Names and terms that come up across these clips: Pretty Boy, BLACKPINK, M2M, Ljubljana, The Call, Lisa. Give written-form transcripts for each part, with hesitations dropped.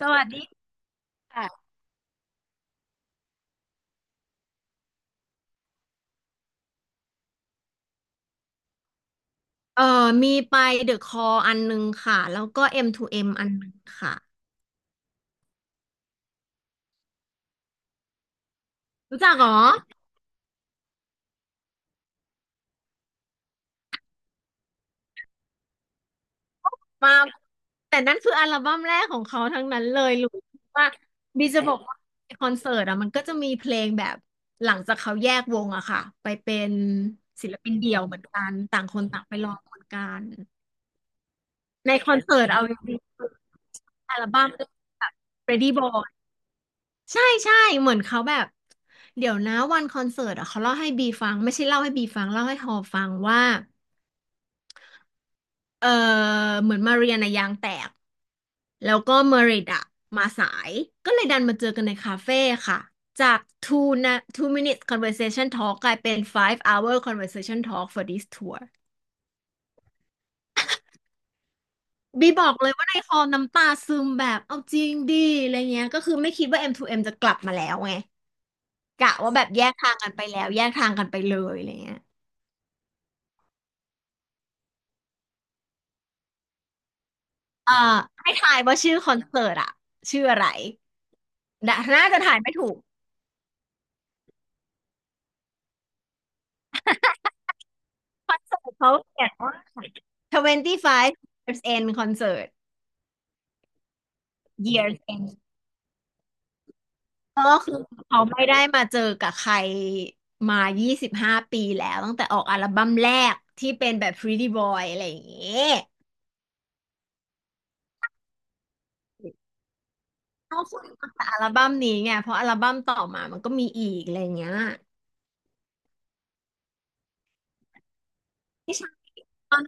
สวัสดีค่ะเอ่อมีไปเดอะคออันหนึ่งค่ะแล้วก็ M2M อมทูเอ็มอันหนึ่งค่ะรู้จักเหรอมาแต่นั่นคืออัลบั้มแรกของเขาทั้งนั้นเลยรู้ว่าดีจะบอกว่าคอนเสิร์ตอะมันก็จะมีเพลงแบบหลังจากเขาแยกวงอะค่ะไปเป็นศิลปินเดี่ยวเหมือนกันต่างคนต่างไปรองเนกันในคอนเสิร์ตเอาจริงๆืออัลบั้มแบบ Ready Boy ใช่ใช่เหมือนเขาแบบเดี๋ยวนะวันคอนเสิร์ตอะเขาเล่าให้บีฟังไม่ใช่เล่าให้บีฟังเล่าให้ฮอฟังว่าเออเหมือนมาเรียนอะยางแตกแล้วก็เมริดอะมาสายก็เลยดันมาเจอกันในคาเฟ่ค่ะจาก two นะ two minutes conversation talk กลายเป็น five hour conversation talk for this tour บีบอกเลยว่าในฮอลน้ำตาซึมแบบเอาจริงดิอะไรเงี้ยก็คือไม่คิดว่าเอ็มทูเอ็มจะกลับมาแล้วไงกะว่าแบบแยกทางกันไปแล้วแยกทางกันไปเลยอะไรเงี้ย เอ่อให้ทายว่าชื่อคอนเสิร์ตอะชื่ออะไรน่ะน่าจะถ่ายไม่ถูกคอนเสิร์ตเขาเขียนว่า25 years end concert years end ก็คือเขาไม่ได้มาเจอกับใครมา25ปีแล้วตั้งแต่ออกอัลบั้มแรกที่เป็นแบบ Pretty Boy อะไรอย่างเงี้ยเขาคุกมาจากอัลบั้มนี้ไงเพราะอัลบั้มต่อมามันก็มีอีกอะไรอย่างเงี้ยไม่ใช่ตอน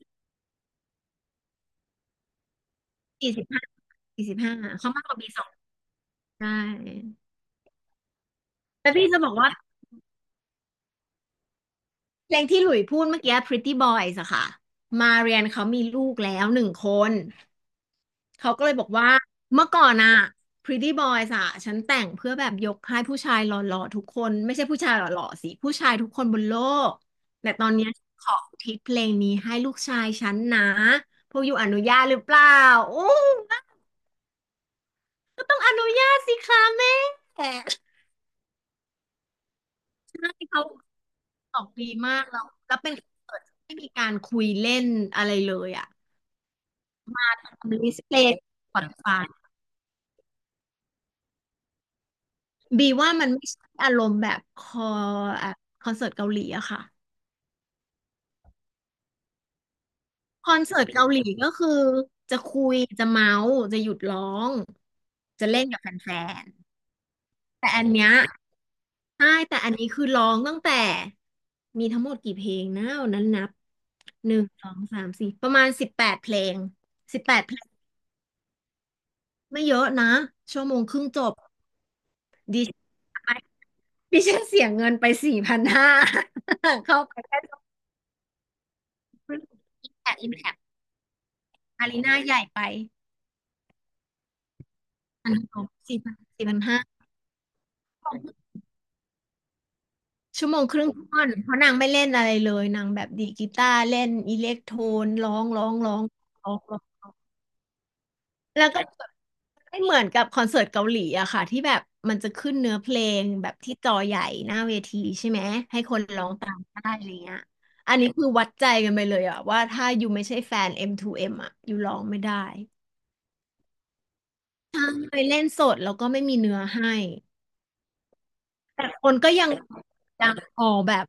สี่สิบห้าสี่สิบห้าเขามากกว่าปีสองใช่แต่พี่จะบอกว่า เพลงที่หลุยพูดเมื่อกี้ Pretty Boys อะค่ะ มาเรียนเขามีลูกแล้วหนึ่งคน เขาก็เลยบอกว่าเมื่อก่อนอะ Pretty Boys อะฉันแต่งเพื่อแบบยกให้ผู้ชายหล่อๆทุกคนไม่ใช่ผู้ชายหล่อๆสิผู้ชายทุกคนบนโลกแต่ตอนเนี้ยขออุทิศเพลงนี้ให้ลูกชายฉันนะพวกอยู่อนุญาตหรือเปล่าอู้ก็ต้องอนุญาตสิคะแม่ใช่เขาตอบดีมากแล้วแล้วเป็นคอนเสิร์ตที่ไม่มีการคุยเล่นอะไรเลยอะ ลิสเพลย์ผ่อนฟบีว่ามันไม่ใช่อารมณ์แบบคอแบบคอนเสิร์ตเกาหลีอะค่ะคอนเสิร์ตเกาหลีก็คือจะคุยจะเมาส์จะหยุดร้องจะเล่นกับแฟนๆแต่อันเนี้ยใช่แต่อันนี้คือร้องตั้งแต่มีทั้งหมดกี่เพลงนะวันนั้นนับหนึ่งสองสามสี่ประมาณสิบแปดเพลงสิบแปดเพลงไม่เยอะนะชั่วโมงครึ่งจบดิฉันดิฉันเสียเงินไปสี่พันห้าเข้าไปแค่ส แพคอิมแพคอารีนาใหญ่ไปพันหกสี่พันสี่พันห้าชั่วโมงครึ่งท่อนเพราะนางไม่เล่นอะไรเลยนางแบบดีดกีตาร์เล่นอิเล็กโทนร้องร้องร้องร้องร้อง แล้วก็ไม่เหมือนกับคอนเสิร์ตเกาหลีอะค่ะที่แบบมันจะขึ้นเนื้อเพลงแบบที่จอใหญ่หน้าเวทีใช่ไหมให้คนร้องตามได้อะไรเงี้ยอันนี้คือวัดใจกันไปเลยอะว่าถ้าอยู่ไม่ใช่แฟน M2M อมทูเอ็มอะอยู่ร้องไม่ได้ใช่เล่นสดแล้วก็ไม่มีเนื้อให้ แต่คนก็ยังออกแบบ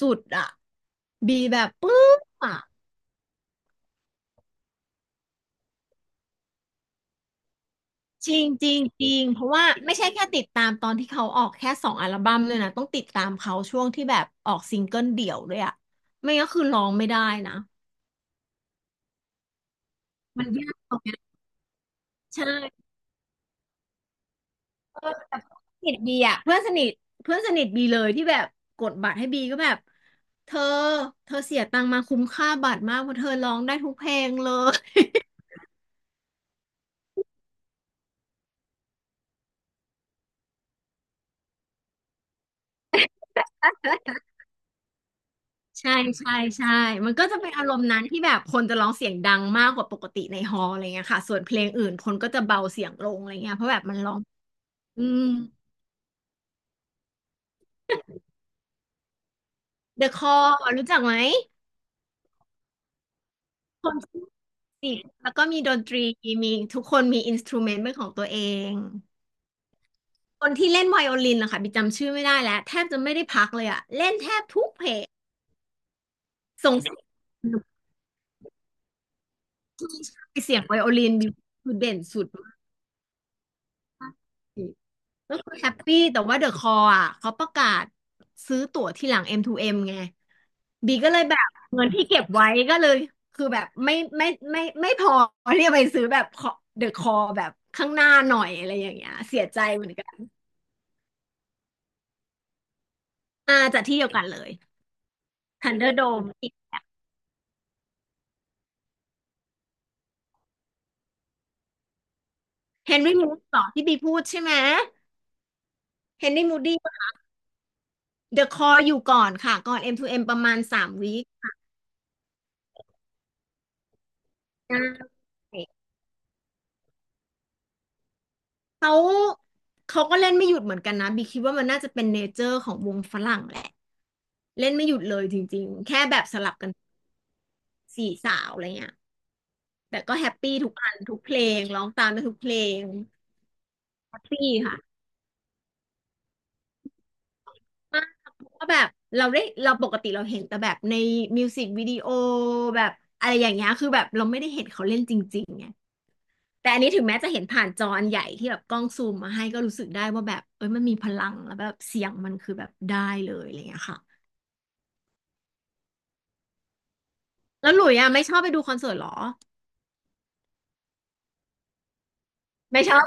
สุดอ่ะบีแบบปึ๊บอ่ะจริงจริงจริงเพราะว่าไม่ใช่แค่ติดตามตอนที่เขาออกแค่สองอัลบั้มเลยนะต้องติดตามเขาช่วงที่แบบออกซิงเกิลเดี่ยวด้วยอ่ะไม่งั้นคือร้องไม่ได้นะมันยากตรงเนี้ยใช่เออแต่เพื่อนสนิทบีอ่ะเพื่อนสนิทเพื่อนสนิทบีเลยที่แบบกดบัตรให้บีก็แบบเธอเธอเสียตังค์มาคุ้มค่าบัตรมากเพราะเธอร้องได้ทุกเพลงเลย ใช่ใช่ใช่ มันก็จะเป็นอารมณ์นั้นที่แบบคนจะร้องเสียงดังมากกว่าปกติในฮอลล์อะไรเงี้ยค่ะ ส่วนเพลงอื่นคนก็จะเบาเสียงลงอะไรเงี้ยเพราะแบบมันร้องอืม The Call รู้จักไหมคนที่เสียงแล้วก็มีดนตรีมีทุกคนมีอินสตรูเมนต์เป็นของตัวเองคนที่เล่นไวโอลินนะคะบิกจำชื่อไม่ได้แล้วแทบจะไม่ได้พักเลยอะเล่นแทบทุกเพลงส่งเสียงเสียงไวโอลินบิกคือเด่นสุดมาก ก็คือแฮปปี้แต่ว่าเดอะคออ่ะเขาประกาศซื้อตั๋วที่หลัง M2M ไงก็เลยแบบเงินที่เก็บไว้ก็เลยคือแบบไม่ไม่พอที่จะไปซื้อแบบเดอะคอแบบข้างหน้าหน่อยอะไรอย่างเงี้ยเสียใจเหมือนกันอ่าจากที่เดียวกันเลยทันเดอร์โดมเฮนรี่มูดต่อที่บีพูดใช่ไหมเฮนรี่มูดี้เดอะคออยู่ก่อนค่ะก่อน M2M ประมาณสามวีคใช่เขาเขาก็เล่นไม่หยุดเหมือนกันนะบีคิดว่ามันน่าจะเป็นเนเจอร์ของวงฝรั่งแหละ เล่นไม่หยุดเลยจริงๆ แค่แบบสลับกันสี่สาวอะไรเงี้ยแต่ก็แฮปปี้ทุกอันทุกเพลงร้องตามไปทุกเพลงแฮปปี้ค่ะมากเพราะว่าแบบเราได้เราปกติเราเห็นแต่แบบในมิวสิกวิดีโอแบบอะไรอย่างเงี้ยคือแบบเราไม่ได้เห็นเขาเล่นจริงๆไงแต่อันนี้ถึงแม้จะเห็นผ่านจออันใหญ่ที่แบบกล้องซูมมาให้ก็รู้สึกได้ว่าแบบเอ้ยมันมีพลังแล้วแบบเสียงมันคือแบบได้เลยอะไรเงี้ยค่ะแล้วหลุยอ่ะไม่ชอบไปดูคอนเสิร์ตเหรอไม่ชอบ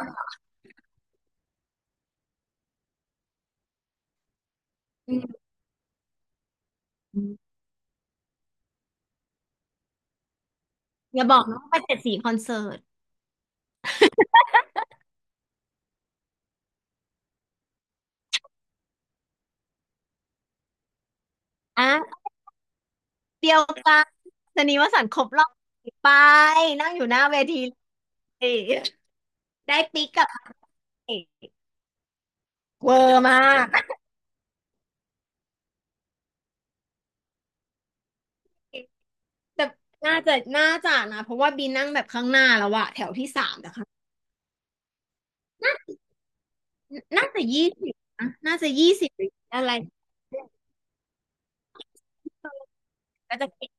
อืมอย่าบอกนะว่าไปเจ็ดสีคอนเสิร์ตอ่า เดียวกันชนีวสันต์ครบรอบไปนั่งอยู่หน้าเวทีเลยได้ปิ๊กกับเอเวอร์มากแต่น่าจะนะเพราะว่าบีนั่งแบบข้างหน้าแล้วอะแถวที่สามแต่ข้างน่าจะยี่สิบนะน่าจะยี่สิบหรืออะไรก็จะเก่ง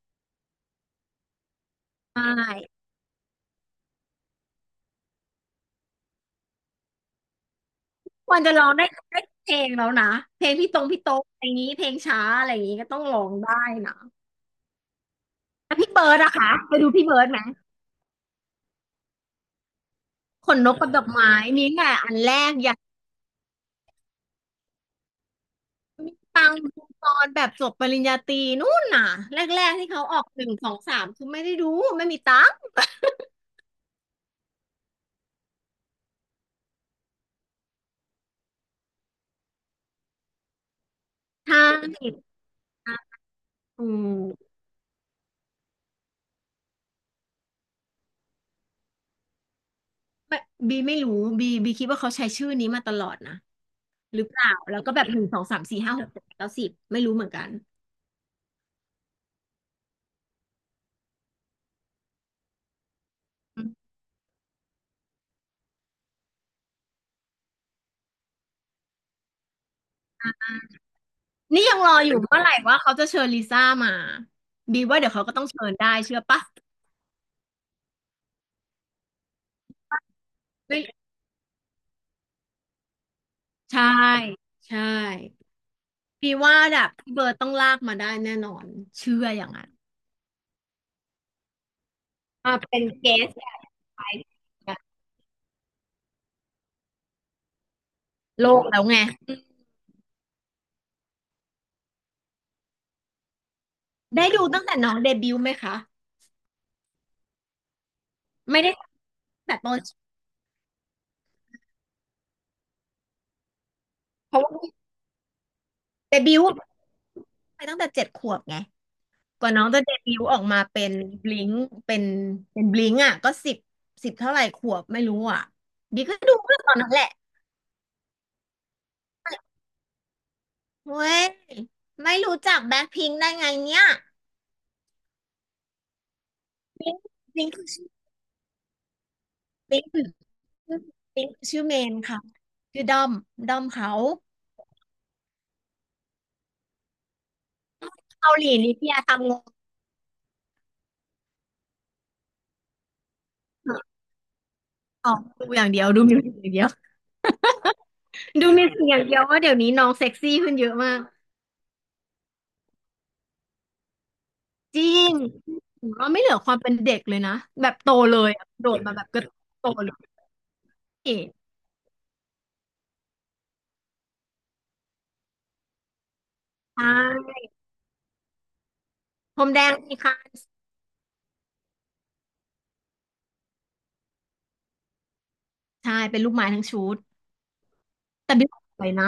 มากควรจะร้องได้ได้เพลงแล้วนะเพลงพี่ตรงพี่โต๊ะอะไรอย่างนี้เพลงช้าอะไรอย่างนี้ก็ต้องร้องได้นะแล้วพี่เบิร์ดอะคะไปดูพี่เบิร์ดไหมขนนกกับดอกไม้นี่แหละอันแรกอย่า ฟังดูตอนแบบจบปริญญาตรีนู่นน่ะแรกๆที่เขาออกหนึ่งสองสามคือไม่ได้ดูไม่มีตังค์ใช่อะอืมไม่บีไม่รู้บีคิดว่าเขาใช้ชื่อนี้มาตลอดนะหรือเปล่าแล้วก็แบบหนึ่งสองสามสี่ห้าหกเจ็ดแปดเก้าสิบไม่รู้เหมือนกันนี่ยังรออยู่เมื่อไหร่ว่าเขาจะเชิญลิซ่ามาบีว่าเดี๋ยวเขาก็ต้องเชิญได้เชื่อปะไม่ใช่ใช่บีว่าแบบพี่เบิร์ดต้องลากมาได้แน่นอนเชื่ออย่างนั้นมาเป็นเกส โลกแล้วไงได้ดูตั้งแต่น้องเดบิวต์ไหมคะไม่ได้ตั้งแต่ตอนเพราะว่าเดบิวต์ไปตั้งแต่เจ็ดขวบไงกว่าน้องจะเดบิวต์ออกมาเป็นบลิงเป็นเป็นบลิงอ่ะก็สิบสิบเท่าไหร่ขวบไม่รู้อ่ะบีก็ดูเมื่อตอนนั้นแหละเว้ยไม่รู้จักแบ็คพิงค์ได้ไงเนี่ยบลิงบลิงคือชื่อบลิงคือชื่อบลิงชื่อเมนค่ะชื่อดอมดอมเขาเกาหลีนี่พี่ยทำงงค่ะออกดูอย่างเดียวดูมิวสิกอย่างเดียว ดูมีสิ่งอย่างเดียวว่าเดี๋ยวนี้น้องเซ็กซี่ขึ้นเยอะมากจริงผมว่าไม่เหลือความเป็นเด็กเลยนะแบบโตเลยอะโดดมาแบบกระโตเลยใช่พรมแดงนี่ค่ะใช่เป็นลูกไม้ทั้งชุดแต่บิ๊กสวยนะ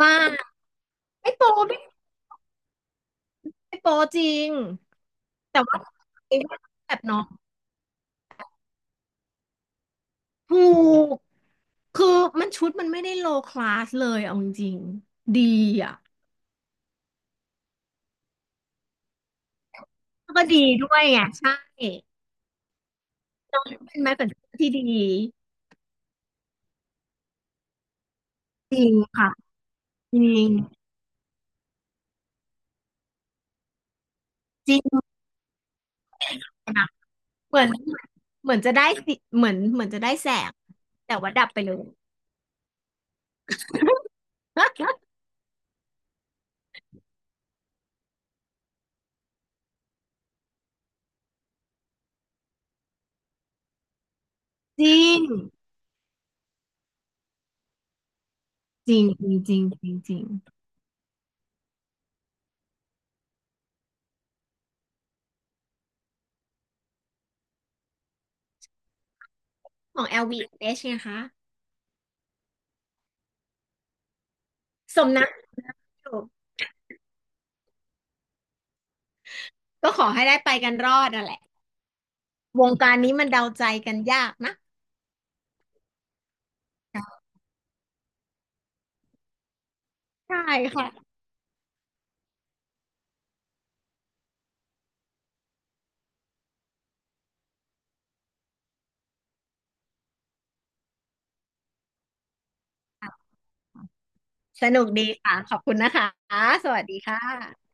ว่าไม่โปไม่ไม่โปจริงแต่ว่าแบบน้องถูกคือมันชุดมันไม่ได้โลคลาสเลยเอาจริงๆดีอ่ะแล้วก็ดีด้วยไงใช่เป็นไม้แขวนเสื้อที่ดีจริงค่ะจริงจริง นะเหมือนเหมือนจะได้สิเหมือนเหมือนจะได้แสงแต่ว่าดับไปเลย จริงจริงจริงจริงจริงจริงของ l v อชไงคะสมนักอยู่ ก็ขอให้ได้ไปกันรอดนั่นแหละวงการนี้มันเดาใจกันยากนะใช่ค่ะสนุกดีค่ะขอบคุณนะคะสวัสดีค่ะ